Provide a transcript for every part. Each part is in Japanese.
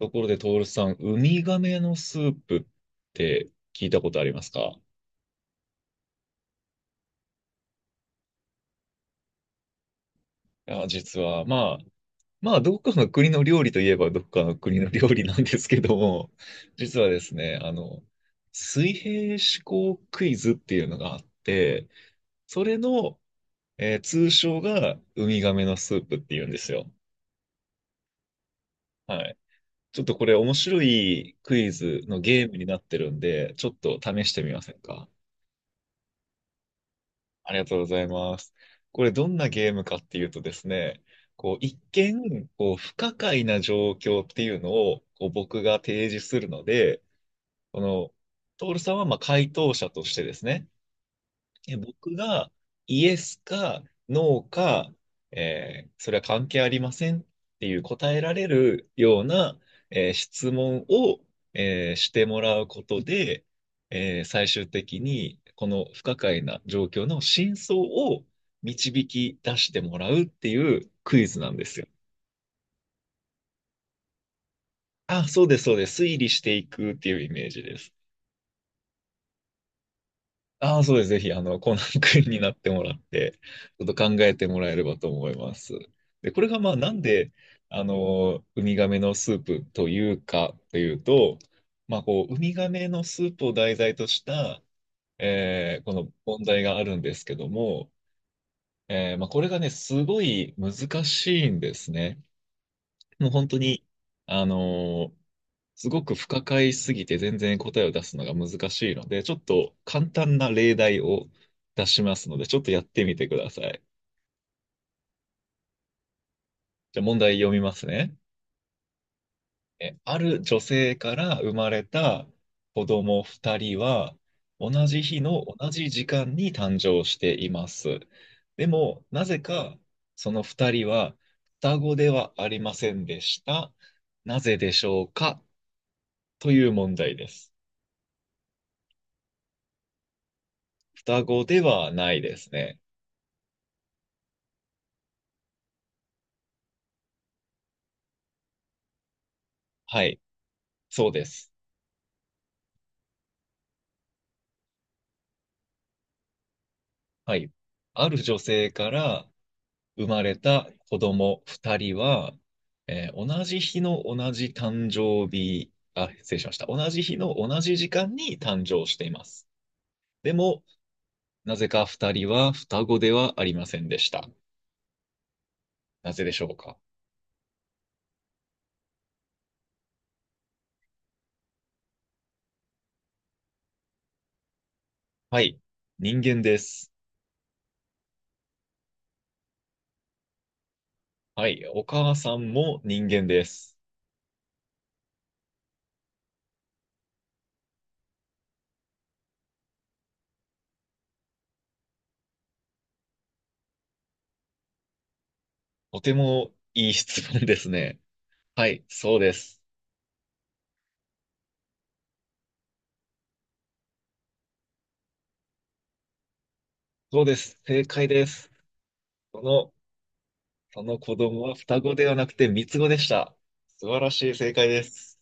ところで、トールさん、ウミガメのスープって聞いたことありますか？いや、実は、まあ、どっかの国の料理といえば、どっかの国の料理なんですけども、実はですね、水平思考クイズっていうのがあって、それの、通称がウミガメのスープっていうんですよ。はい。ちょっとこれ面白いクイズのゲームになってるんで、ちょっと試してみませんか？ありがとうございます。これどんなゲームかっていうとですね、こう一見こう不可解な状況っていうのをこう僕が提示するので、このトールさんはまあ回答者としてですね、え、僕がイエスかノーか、それは関係ありませんっていう答えられるような、質問を、してもらうことで、最終的にこの不可解な状況の真相を導き出してもらうっていうクイズなんですよ。あ、そうです、そうです。推理していくっていうイメージです。ああ、そうです。ぜひ、コナン君になってもらって、ちょっと考えてもらえればと思います。で、これが、まあ、なんで、ウミガメのスープというか、というと、まあ、こう、ウミガメのスープを題材とした、この問題があるんですけども、まあ、これがね、すごい難しいんですね。もう本当に、あのーすごく不可解すぎて全然答えを出すのが難しいので、ちょっと簡単な例題を出しますので、ちょっとやってみてください。じゃあ問題読みますね。え、ある女性から生まれた子供2人は、同じ日の同じ時間に誕生しています。でも、なぜかその2人は双子ではありませんでした。なぜでしょうかという問題です。双子ではないですね。はい。そうです。はい。ある女性から生まれた子供二人は、同じ日の同じ誕生日、あ、失礼しました。同じ日の同じ時間に誕生しています。でも、なぜか二人は双子ではありませんでした。なぜでしょうか。はい。人間です。はい。お母さんも人間です。とてもいい質問ですね。はい。そうです。そうです。正解です。その、その子供は双子ではなくて三つ子でした。素晴らしい正解です。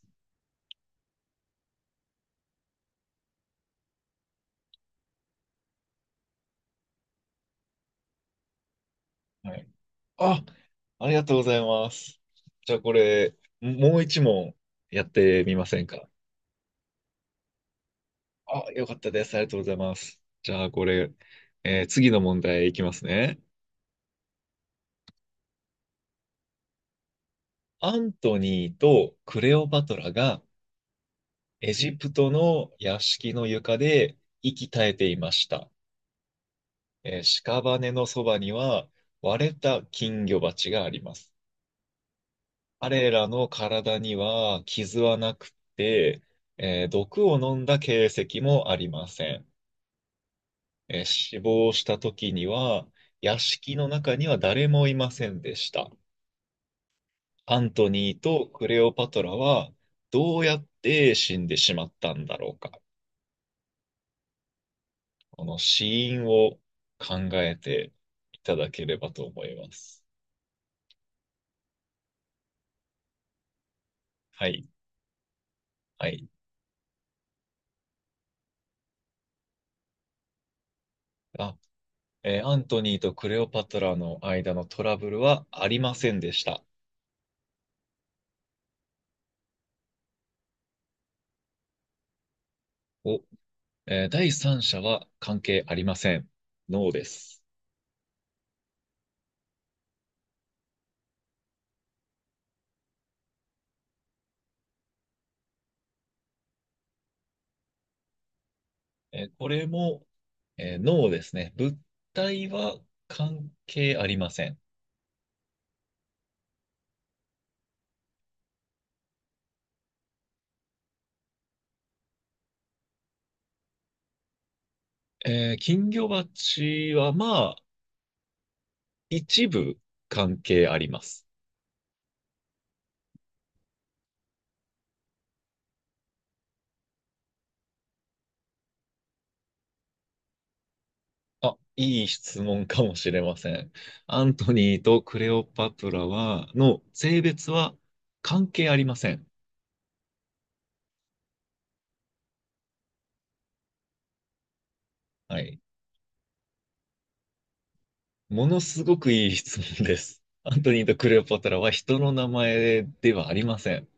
はい。あ、ありがとうございます。じゃあこれ、もう一問やってみませんか？あ、よかったです。ありがとうございます。じゃあこれ、次の問題いきますね。アントニーとクレオパトラがエジプトの屋敷の床で息絶えていました。屍のそばには割れた金魚鉢があります。彼らの体には傷はなくて、毒を飲んだ形跡もありません。死亡した時には屋敷の中には誰もいませんでした。アントニーとクレオパトラはどうやって死んでしまったんだろうか。この死因を考えていただければと思います。はい。はい。あアントニーとクレオパトラの間のトラブルはありませんでした。お、第三者は関係ありません。ノーです。これも、ノーですね。物体は関係ありません。金魚鉢はまあ、一部関係あります。あ、いい質問かもしれません。アントニーとクレオパトラの性別は関係ありません。はい。ものすごくいい質問です。アントニーとクレオパトラは人の名前ではありません。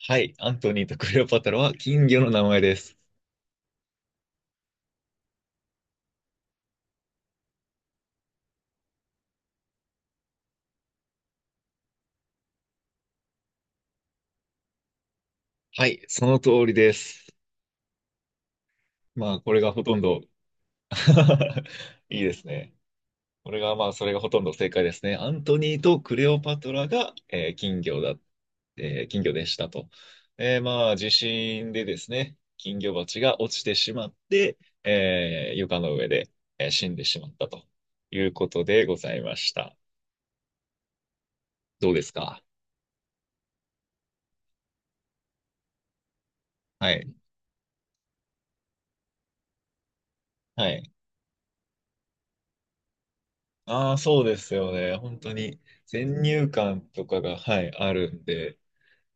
はい、アントニーとクレオパトラは金魚の名前です。はい、その通りです。まあ、これがほとんど いいですね。これがまあ、それがほとんど正解ですね。アントニーとクレオパトラが、えー金魚だっ金魚でしたと。まあ、地震でですね、金魚鉢が落ちてしまって、床の上で、死んでしまったということでございました。どうですか？はい。はい。ああ、そうですよね。本当に先入観とかが、はい、あるんで、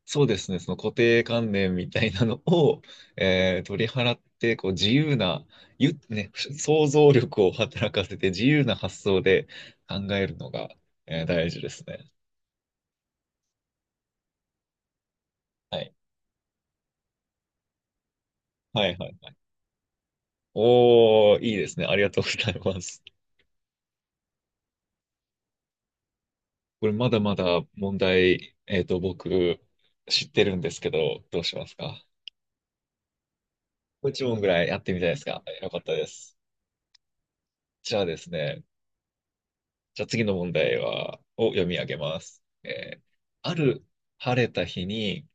そうですね、その固定観念みたいなのを、取り払って、こう自由な、想像力を働かせて自由な発想で考えるのが、大事ですね。はい。はいはいはい。おー、いいですね。ありがとうございます。これまだまだ問題、僕知ってるんですけど、どうしますか？これ一問ぐらいやってみたいですか？よかったです。じゃあですね、じゃあ次の問題を読み上げます。ある晴れた日に、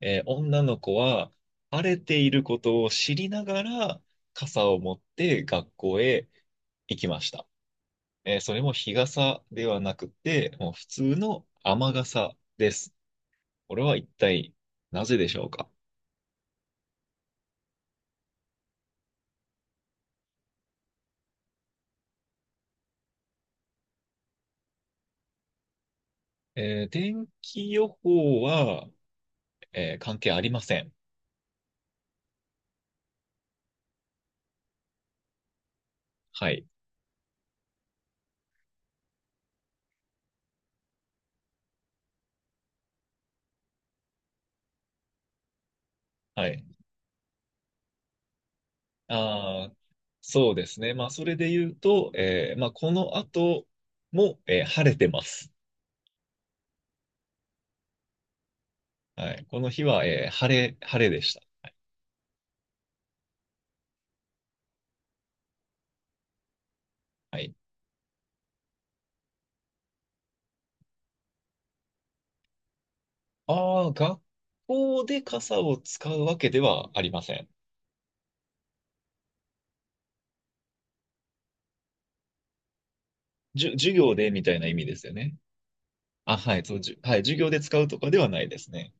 女の子は晴れていることを知りながら傘を持って学校へ行きました。それも日傘ではなくて、もう普通の雨傘です。これは一体なぜでしょうか？天気予報は、関係ありません。はい。はい。ああ、そうですね。まあ、それで言うと、まあ、この後も、晴れてます。はい。この日は、晴れでした。はい。ああ、学校で傘を使うわけではありません。授業でみたいな意味ですよね。あ、はい、はい、授業で使うとかではないですね。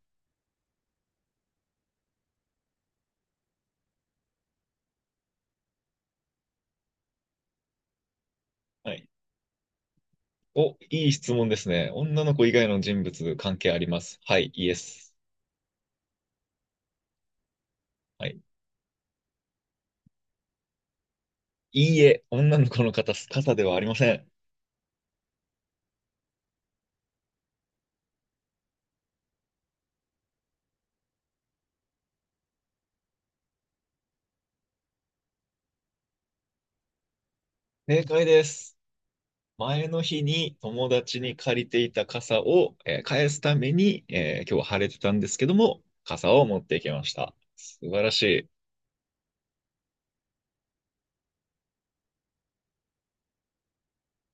はい。お、いい質問ですね。女の子以外の人物関係あります。はい、イエス。はい。いいえ、女の子の方、傘ではありません。正解です。前の日に友達に借りていた傘を、返すために、今日は晴れてたんですけども、傘を持ってきました。素晴らしい。